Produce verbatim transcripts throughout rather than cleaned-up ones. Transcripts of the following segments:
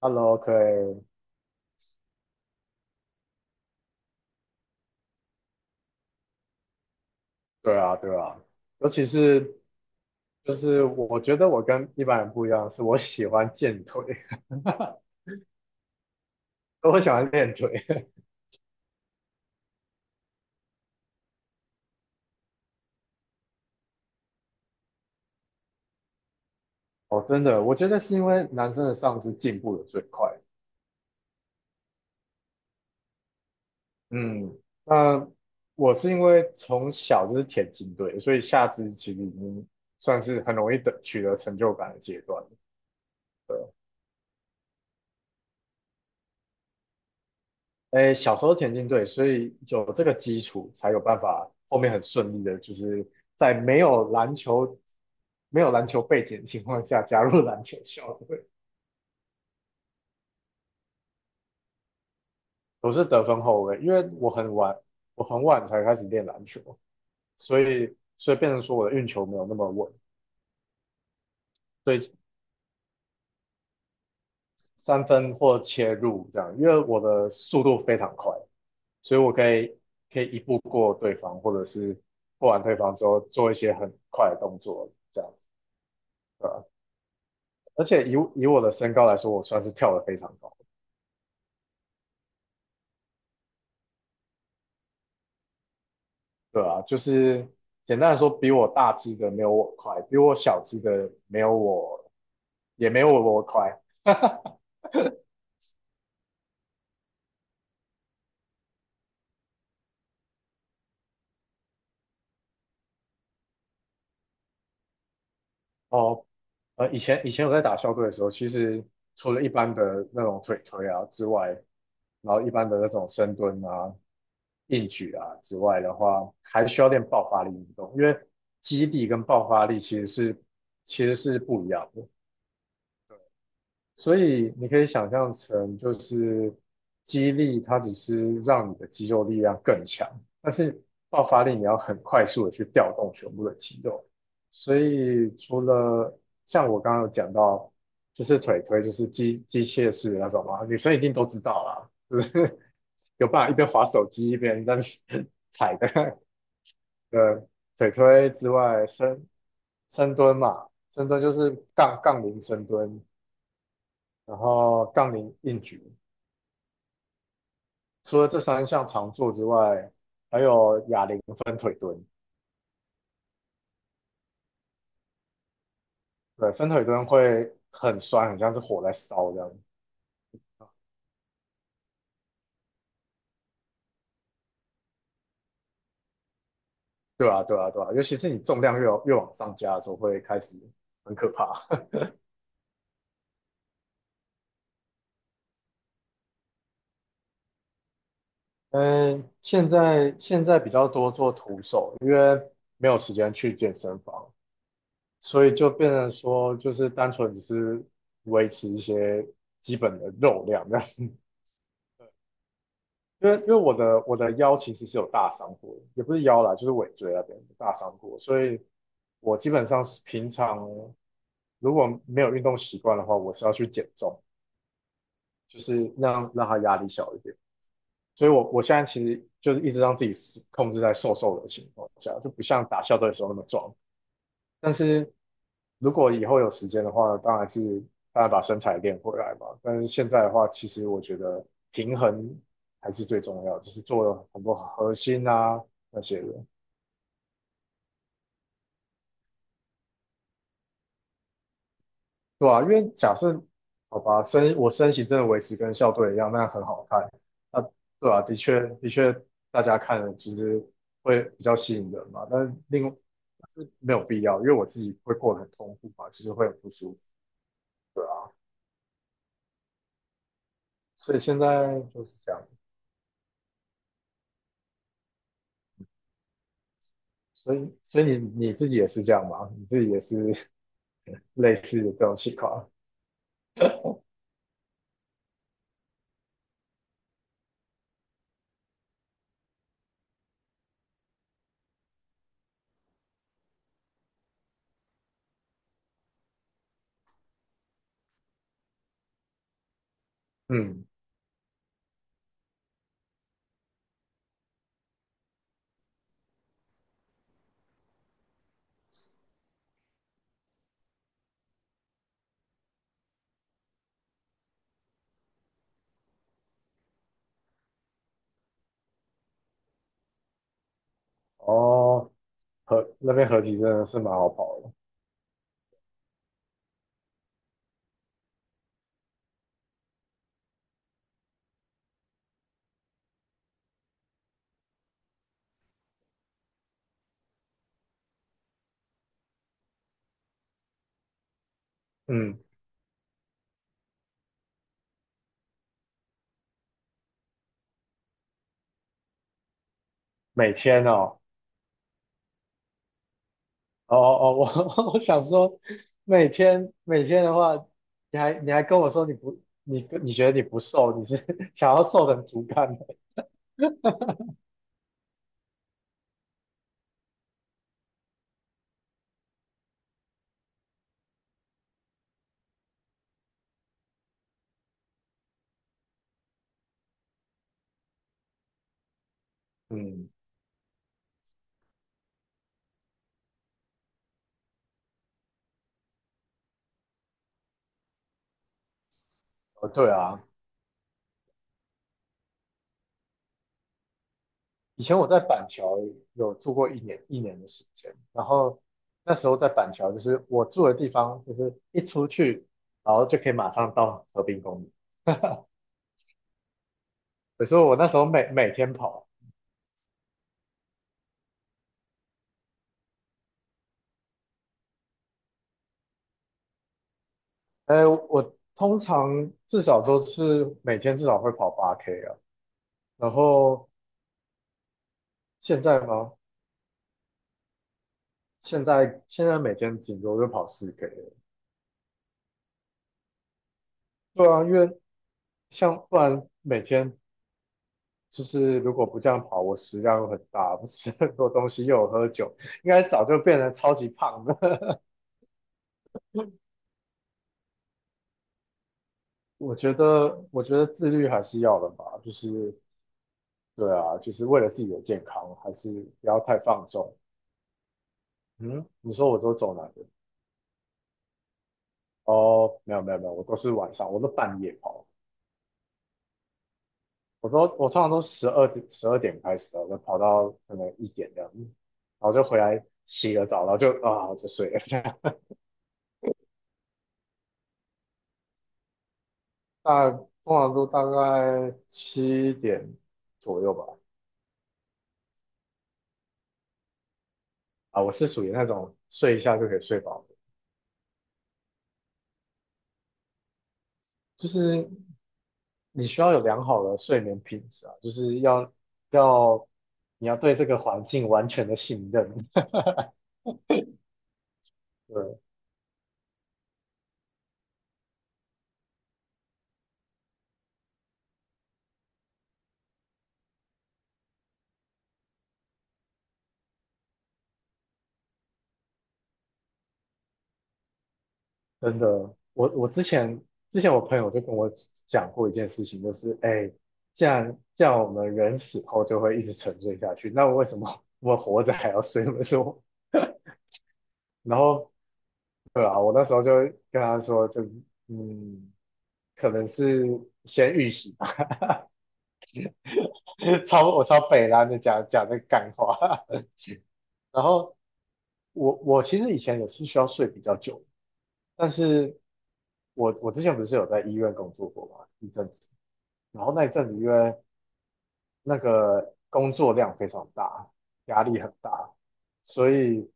Hello，可以，对啊，对啊，尤其是就是我觉得我跟一般人不一样，是我喜欢健腿，我喜欢练腿。哦，真的，我觉得是因为男生的上肢进步的最快。嗯，那我是因为从小就是田径队，所以下肢其实已经算是很容易得取得成就感的阶段。对啊。诶，小时候田径队，所以有这个基础，才有办法后面很顺利的，就是在没有篮球、没有篮球背景的情况下加入篮球校队。我是得分后卫，因为我很晚，我很晚才开始练篮球，所以所以变成说我的运球没有那么稳，所以三分或切入这样，因为我的速度非常快，所以我可以可以一步过对方，或者是过完对方之后做一些很快的动作这样。而且以以我的身高来说，我算是跳得非常高，对啊，就是简单来说，比我大只的没有我快，比我小只的没有我也没有我快。哦，呃，以前以前我在打校队的时候，其实除了一般的那种腿推啊之外，然后一般的那种深蹲啊、硬举啊之外的话，还需要练爆发力运动，因为肌力跟爆发力其实是其实是不一样的。所以你可以想象成，就是肌力它只是让你的肌肉力量更强，但是爆发力你要很快速的去调动全部的肌肉。所以除了像我刚刚有讲到，就是腿推就是机机械式的那种嘛，女生一定都知道啦，就是 有办法一边滑手机一边在那边 踩的。呃，腿推之外，深深蹲嘛，深蹲就是杠杠铃深蹲，然后杠铃硬举。除了这三项常做之外，还有哑铃分腿蹲。对，分腿蹲会很酸，很像是火在烧这样。对啊，对啊，对啊，尤其是你重量越越往上加的时候，会开始很可怕。嗯，现在现在比较多做徒手，因为没有时间去健身房，所以就变成说，就是单纯只是维持一些基本的肉量这样。因为因为我的我的腰其实是有大伤过的，也不是腰啦，就是尾椎那边有大伤过，所以我基本上是平常如果没有运动习惯的话，我是要去减重，就是让让它压力小一点。所以我我现在其实就是一直让自己是控制在瘦瘦的情况下，就不像打校队的时候那么壮。但是如果以后有时间的话，当然是大家把身材练回来嘛。但是现在的话，其实我觉得平衡还是最重要，就是做了很多核心啊那些的，对啊，因为假设好吧，身我身形真的维持跟校队一样，那很好看。啊，对啊，的确的确，大家看了就是会比较吸引人嘛。但是另外但是没有必要，因为我自己会过得很痛苦嘛，其实会很不舒服，对啊。所以现在就是这样。所以，所以你你自己也是这样吗？你自己也是 类似的这种情况？嗯，哦，河那边合体真的是蛮好跑的。嗯，每天哦，哦哦哦，我 我想说，每天每天的话，你还你还跟我说你不你你觉得你不瘦，你是 想要瘦成竹竿的？嗯，哦对啊，以前我在板桥有住过一年一年的时间，然后那时候在板桥就是我住的地方，就是一出去，然后就可以马上到河滨公园。可是我那时候每每天跑，呃，我通常至少都是每天至少会跑八 K 啊。然后现在吗？现在现在每天顶多就跑四 K 了。对啊，因为像不然每天就是如果不这样跑，我食量又很大，不吃很多东西，又有喝酒，应该早就变成超级胖的。我觉得，我觉得自律还是要的吧，就是对啊，就是为了自己的健康，还是不要太放纵。嗯，你说我都走哪个？哦，没有没有没有，我都是晚上，我都半夜跑，我都我通常都十二点十二点开始的，我跑到可能一点这样，然后就回来洗个澡，然后就啊就睡了。大通常都大概七点左右吧。啊，我是属于那种睡一下就可以睡饱的，就是你需要有良好的睡眠品质啊，就是要要你要对这个环境完全的信任。对，真的，我我之前之前我朋友就跟我讲过一件事情，就是哎，既然既然我们人死后就会一直沉睡下去，那为什么 我们活着还要睡那么多？然后对啊，我那时候就跟他说，就是嗯，可能是先预习吧，超我超北烂的讲讲这个干话，然后我我其实以前也是需要睡比较久，但是我我之前不是有在医院工作过嘛一阵子，然后那一阵子因为那个工作量非常大，压力很大，所以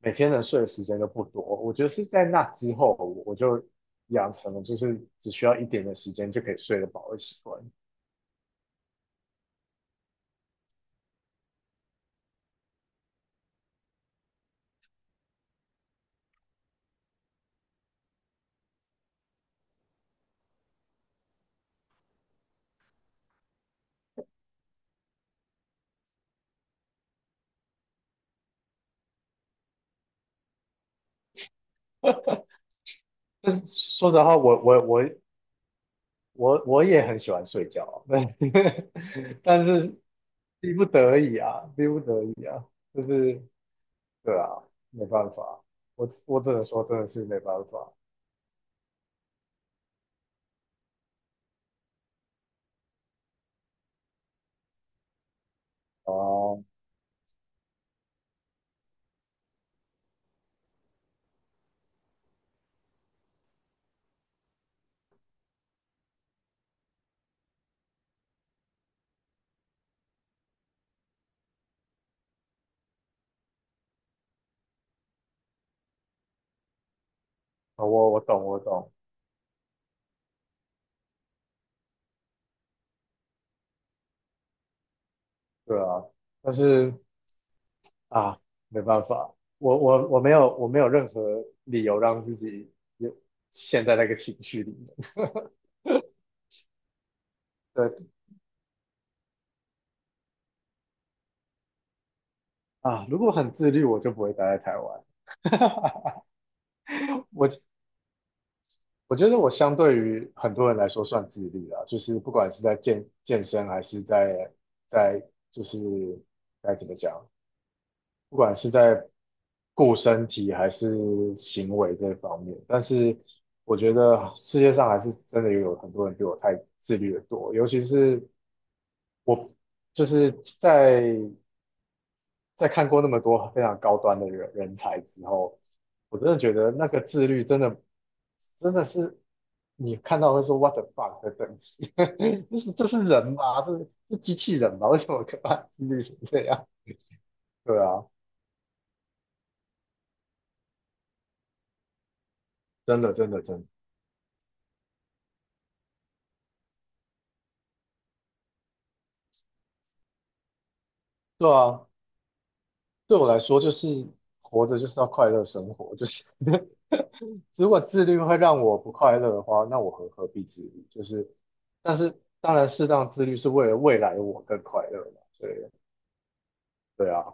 每天能睡的时间都不多。我觉得是在那之后，我我就养成了就是只需要一点的时间就可以睡得饱的习惯。但是说实话，我我我我我也很喜欢睡觉啊，但是逼不得已啊，逼不得已啊，就是对啊，没办法，我我只能说真的是没办法啊，我我懂我懂，对啊，但是啊，没办法，我我我没有我没有任何理由让自己有陷在那个情绪里面。对啊，如果很自律，我就不会待在台湾。我我觉得我相对于很多人来说算自律啦，就是不管是在健健身还是在在就是该怎么讲，不管是在顾身体还是行为这方面，但是我觉得世界上还是真的有很多人比我太自律的多，尤其是我就是在在看过那么多非常高端的人人才之后，我真的觉得那个自律真的真的是你看到会说 what the fuck 的等级，这是这是人吗？这是这是机器人吗？为什么可把它自律成这样？对啊，真的真的真的，对啊。对我来说，就是活着就是要快乐生活，就是 如果自律会让我不快乐的话，那我何何必自律？就是，但是当然，适当自律是为了未来的我更快乐嘛。所以，对啊，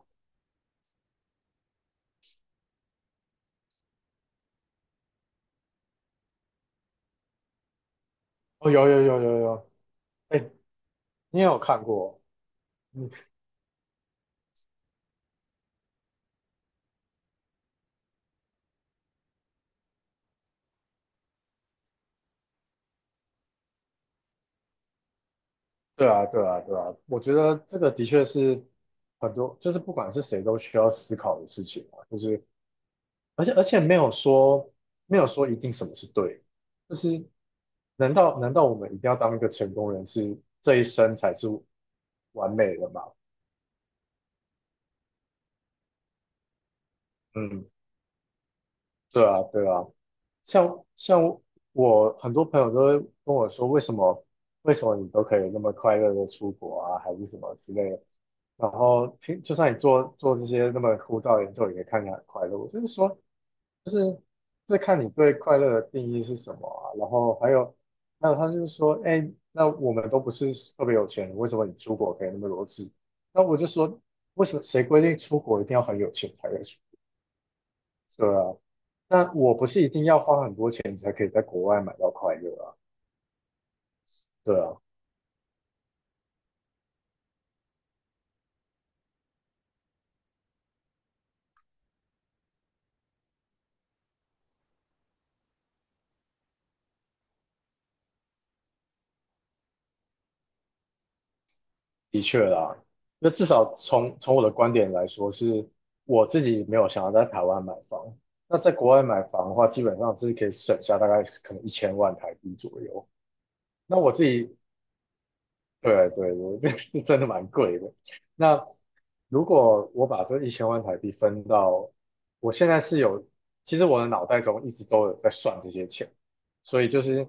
哦，有有有有有，哎，你也有看过？嗯，对啊对啊对啊，我觉得这个的确是很多，就是不管是谁都需要思考的事情啊就是。而且而且没有说没有说一定什么是对，就是难道难道我们一定要当一个成功人士，这一生才是完美的吗？嗯，对啊对啊，像像我很多朋友都会跟我说，为什么为什么你都可以那么快乐的出国啊，还是什么之类的，然后平就算你做做这些那么枯燥的研究，也看起来很快乐。我就是说，就是这看你对快乐的定义是什么啊。然后还有，还有他就是说，哎，那我们都不是特别有钱人，为什么你出国可以那么多次？那我就说，为什么谁规定出国一定要很有钱才可以出？对啊，那我不是一定要花很多钱才可以在国外买到快乐啊？对啊，的确啦。那至少从从我的观点来说，是我自己没有想要在台湾买房。那在国外买房的话，基本上是可以省下大概可能一千万台币左右。那我自己，对对，我这是真的蛮贵的。那如果我把这一千万台币分到，我现在是有，其实我的脑袋中一直都有在算这些钱，所以就是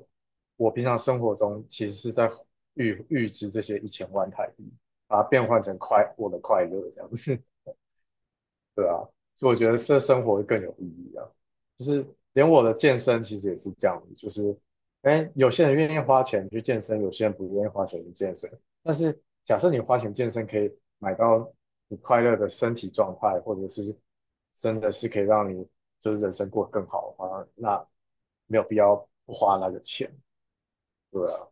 我平常生活中其实是在预预支这些一千万台币，把它变换成快我的快乐这样子。对啊，所以我觉得这生活会更有意义啊。就是连我的健身其实也是这样子，就是，哎，有些人愿意花钱去健身，有些人不愿意花钱去健身。但是假设你花钱健身，可以买到你快乐的身体状态，或者是真的是可以让你就是人生过得更好的话，那没有必要不花那个钱。对啊，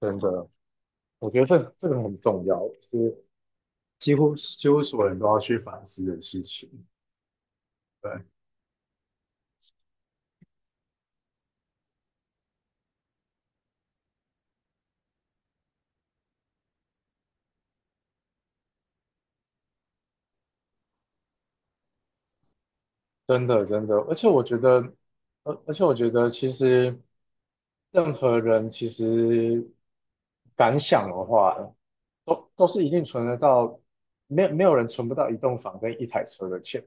真的，我觉得这这个很重要，是几乎几乎所有人都要去反思的事情。对。真的真的，而且我觉得，而而且我觉得，其实任何人其实敢想的话，都都是一定存得到，没有没有人存不到一栋房跟一台车的钱，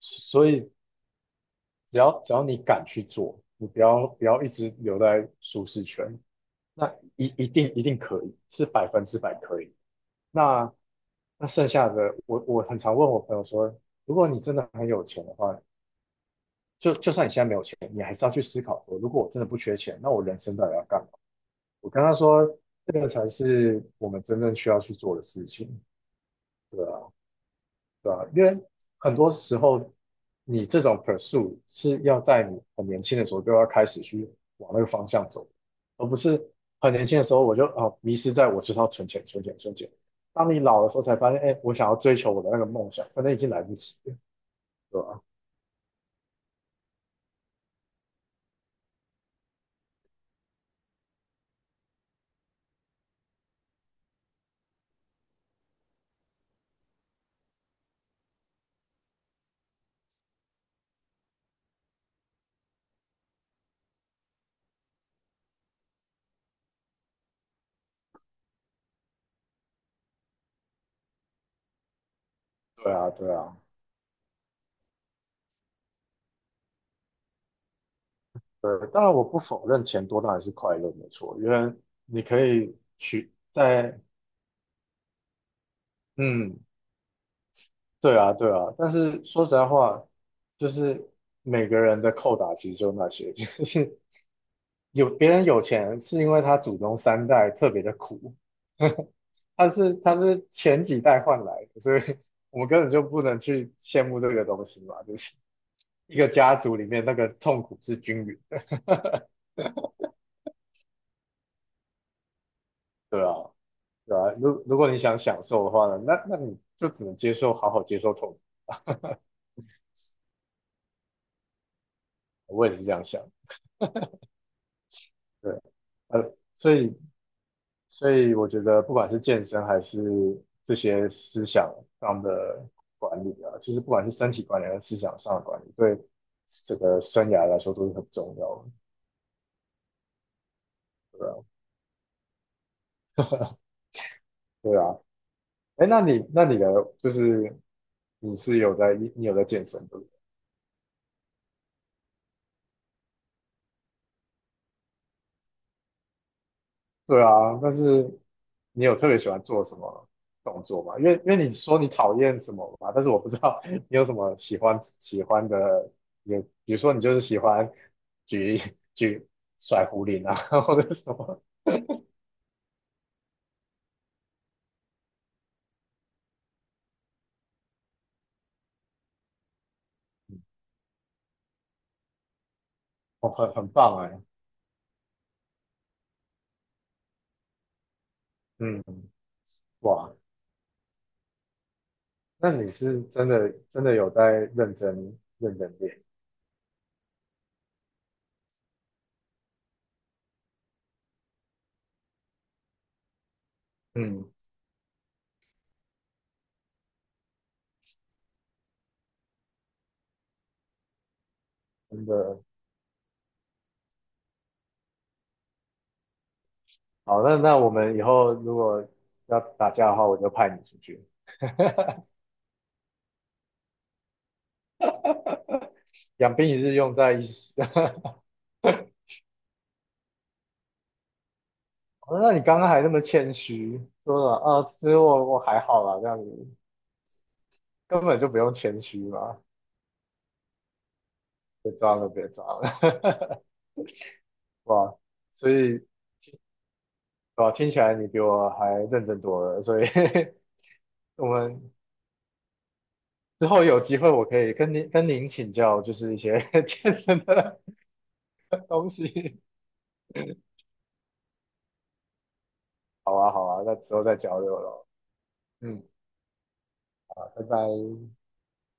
所以只要只要你敢去做，你不要不要一直留在舒适圈，那一一定一定可以，是百分之百可以。那那剩下的，我我很常问我朋友说，如果你真的很有钱的话。就就算你现在没有钱，你还是要去思考说，如果我真的不缺钱，那我人生到底要干嘛？我跟他说，这个才是我们真正需要去做的事情，对啊，对啊，因为很多时候你这种 pursue 是要在你很年轻的时候就要开始去往那个方向走，而不是很年轻的时候我就啊迷失在我就是要存钱、存钱、存钱。当你老的时候才发现，哎，我想要追求我的那个梦想，反正已经来不及了，对吧？对啊，对啊。对，当然我不否认钱多当然是快乐，没错，因为你可以去在，嗯，对啊，对啊，但是说实在话，就是每个人的扣打其实就那些，就是有别人有钱是因为他祖宗三代特别的苦，他是他是前几代换来的，所以我们根本就不能去羡慕这个东西嘛，就是一个家族里面那个痛苦是均匀的，对啊。对啊，如如果你想享受的话呢，那那你就只能接受，好好接受痛苦。我也是这样想，对，呃，所以所以我觉得不管是健身还是这些思想上的管理啊，就是不管是身体管理还是思想上的管理，对整个生涯来说都是很重要的，对啊，对啊。哎，那你那你的就是你是有在你你有在健身的，对啊，但是你有特别喜欢做什么动作吗？因为因为你说你讨厌什么吧，但是我不知道 你有什么喜欢喜欢的，有比如说你就是喜欢举举甩壶铃啊，或者什么，哦，很很棒哎，嗯，哇，那你是真的真的有在认真认真练，嗯，真的好，那那我们以后如果要打架的话，我就派你出去，养兵一日用在一时。哦那你刚刚还那么谦虚，说了啊，其实我我还好啦，这样子根本就不用谦虚嘛，别装了，别装了，哇，所以哇，听起来你比我还认真多了，所以 我们之后有机会我可以跟您跟您请教，就是一些 健身的东西。好啊，好啊，那之后再交流咯。嗯，好，拜拜。